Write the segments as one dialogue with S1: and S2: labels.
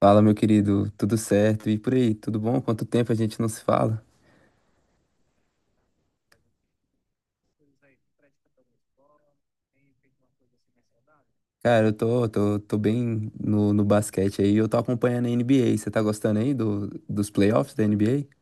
S1: Fala, meu querido, tudo certo? E por aí, tudo bom? Quanto tempo a gente não se fala? Cara, eu tô bem no basquete aí, eu tô acompanhando a NBA. Você tá gostando aí do, dos playoffs da NBA?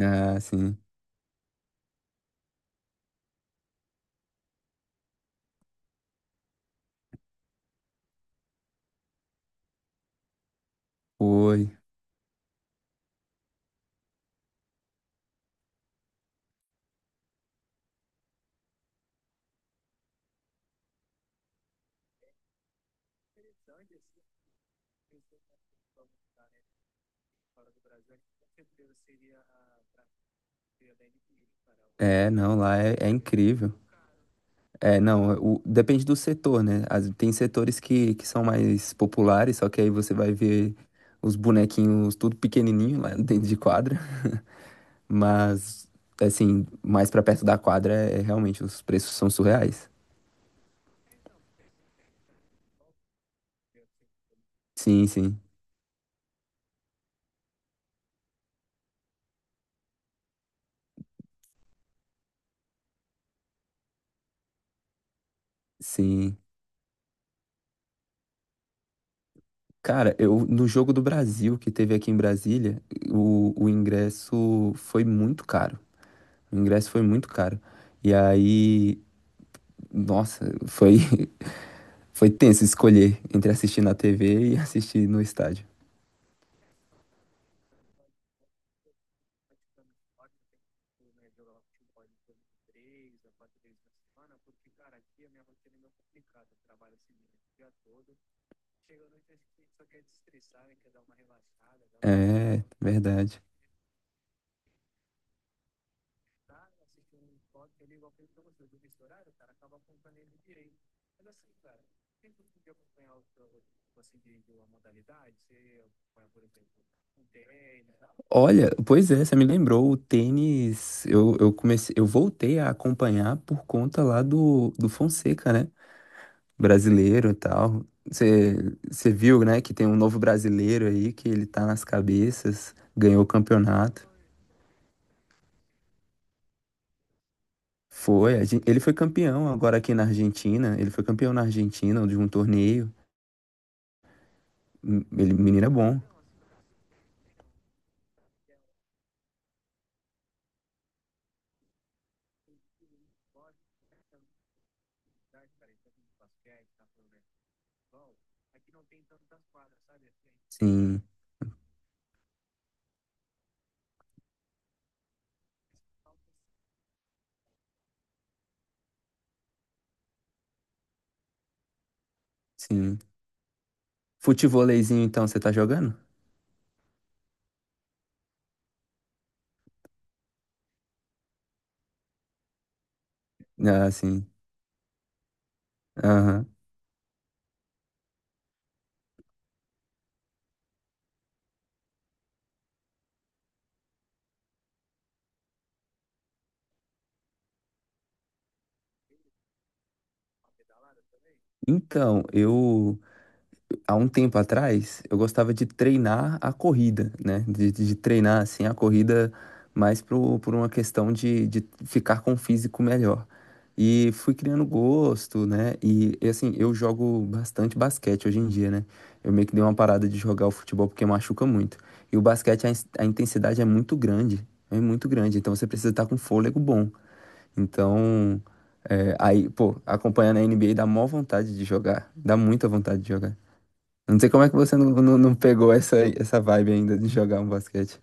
S1: Ah, sim. Oi. É, não, lá é incrível. É, não, o- Depende do setor, né? Tem setores que são mais populares, só que aí você vai ver os bonequinhos tudo pequenininho lá dentro de quadra. Mas, assim, mais pra perto da quadra, é realmente, os preços são surreais. Sim, sim, sim. Cara, eu, no jogo do Brasil, que teve aqui em Brasília, o ingresso foi muito caro. O ingresso foi muito caro. E aí, nossa, foi, foi tenso escolher entre assistir na TV e assistir no estádio. É, verdade. Olha, pois é, você me lembrou, o tênis, eu comecei, eu voltei a acompanhar por conta lá do Fonseca, né? Brasileiro e tal. Você viu, né, que tem um novo brasileiro aí, que ele tá nas cabeças, ganhou o campeonato. Foi, ele foi campeão agora aqui na Argentina, ele foi campeão na Argentina de um torneio. Ele, menino é bom, sim, sim. Futevoleizinho, então, você tá jogando? Ah, sim. Aham. Então, eu há um tempo atrás, eu gostava de treinar a corrida, né? De treinar, assim, a corrida por uma questão de ficar com o físico melhor. E fui criando gosto, né? Assim, eu jogo bastante basquete hoje em dia, né? Eu meio que dei uma parada de jogar o futebol porque machuca muito. E o basquete, a intensidade é muito grande. É muito grande. Então você precisa estar com fôlego bom. Então, é, aí, pô, acompanhando a NBA dá mó vontade de jogar. Dá muita vontade de jogar. Não sei como é que você não pegou essa vibe ainda de jogar um basquete.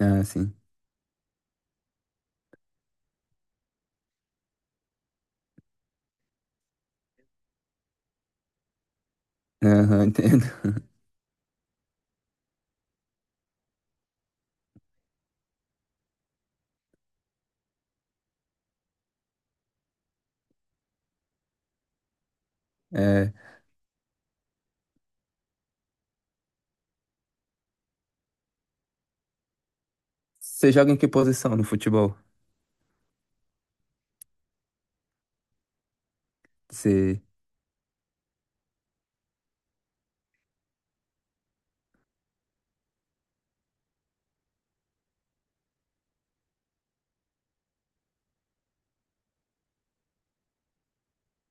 S1: Ah, sim. Aham, entendo. É, você joga em que posição no futebol? Você.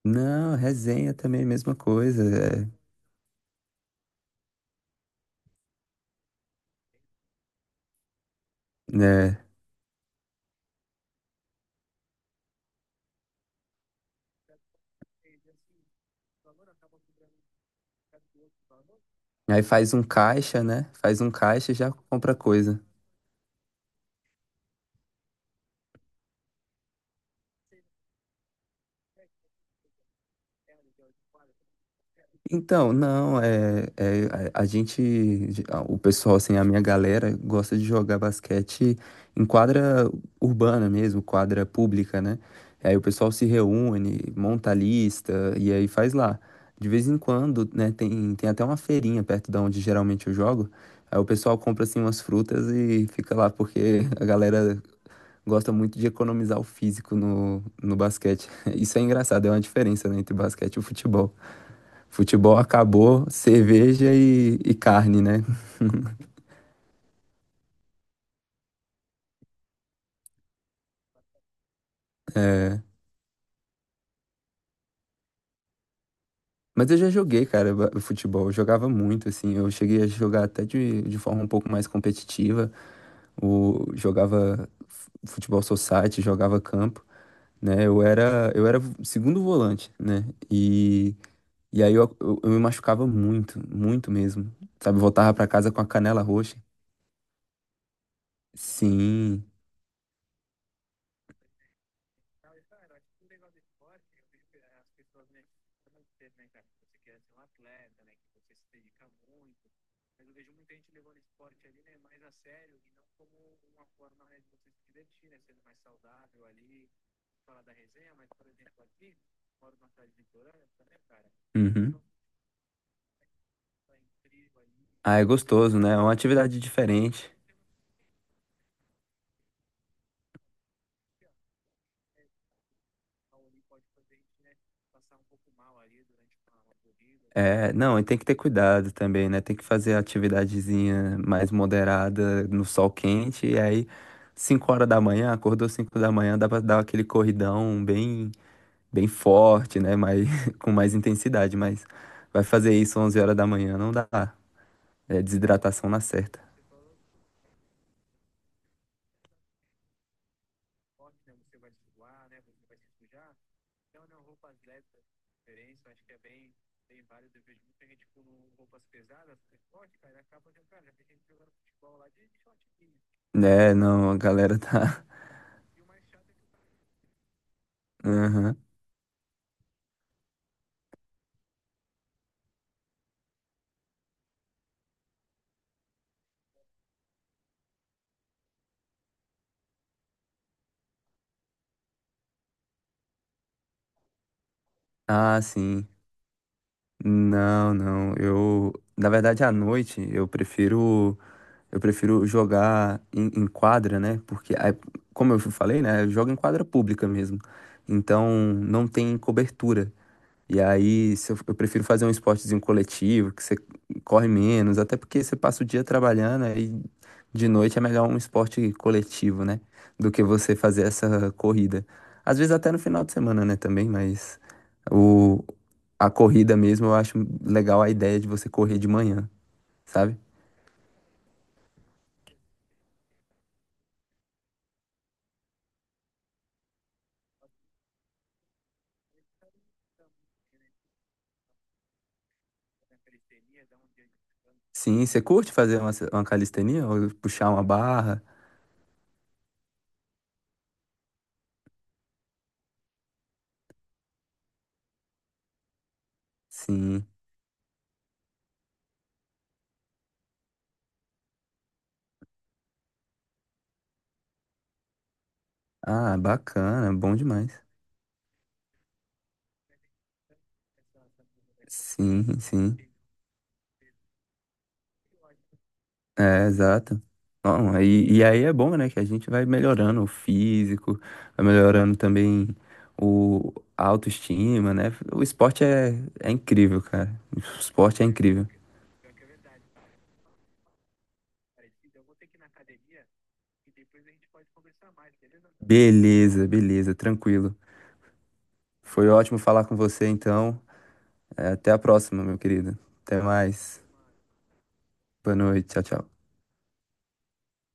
S1: Não, resenha também, é mesma coisa. É, né? Aí faz um caixa, né? Faz um caixa e já compra coisa. Então, não, é, é a gente, o pessoal, assim, a minha galera gosta de jogar basquete em quadra urbana mesmo, quadra pública, né? Aí o pessoal se reúne, monta a lista e aí faz lá. De vez em quando, né, tem até uma feirinha perto da onde geralmente eu jogo. Aí o pessoal compra, assim, umas frutas e fica lá, porque a galera gosta muito de economizar o físico no basquete. Isso é engraçado, é uma diferença, né, entre basquete e o futebol. Futebol acabou, cerveja e carne, né? É, mas eu já joguei, cara, futebol. Eu jogava muito, assim. Eu cheguei a jogar até de forma um pouco mais competitiva. O, jogava futebol society, jogava campo, né? Eu era segundo volante, né? E, e aí eu me machucava muito, muito mesmo. Sabe, voltava pra casa com a canela roxa. Sim. Uhum. Ah, é gostoso, né? É uma atividade diferente. É, não, e tem que ter cuidado também, né? Tem que fazer a atividadezinha mais moderada no sol quente, e aí 5 horas da manhã, acordou 5 da manhã, dá pra dar aquele corridão bem, bem forte, né? Mas, com mais intensidade, mas vai fazer isso 11 horas da manhã, não dá. É desidratação na certa. É, não, a galera tá. Aham. Ah, sim. Não, não. Na verdade, à noite eu prefiro. Eu prefiro jogar em quadra, né? Porque, aí, como eu falei, né? Eu jogo em quadra pública mesmo. Então, não tem cobertura. E aí, se eu, eu prefiro fazer um esportezinho coletivo, que você corre menos, até porque você passa o dia trabalhando, aí de noite é melhor um esporte coletivo, né? Do que você fazer essa corrida. Às vezes até no final de semana, né, também, mas o, a corrida mesmo eu acho legal a ideia de você correr de manhã, sabe? Sim, você curte fazer uma calistenia ou puxar uma barra? Sim. Ah, bacana, bom demais. Sim, sim. É, exato. Bom, e aí é bom, né, que a gente vai melhorando o físico, vai melhorando também o a autoestima, né? O esporte é incrível, cara. O esporte é incrível. Beleza, beleza, tranquilo. Foi ótimo falar com você, então. É, até a próxima, meu querido. Até mais. Boa noite, tchau, tchau.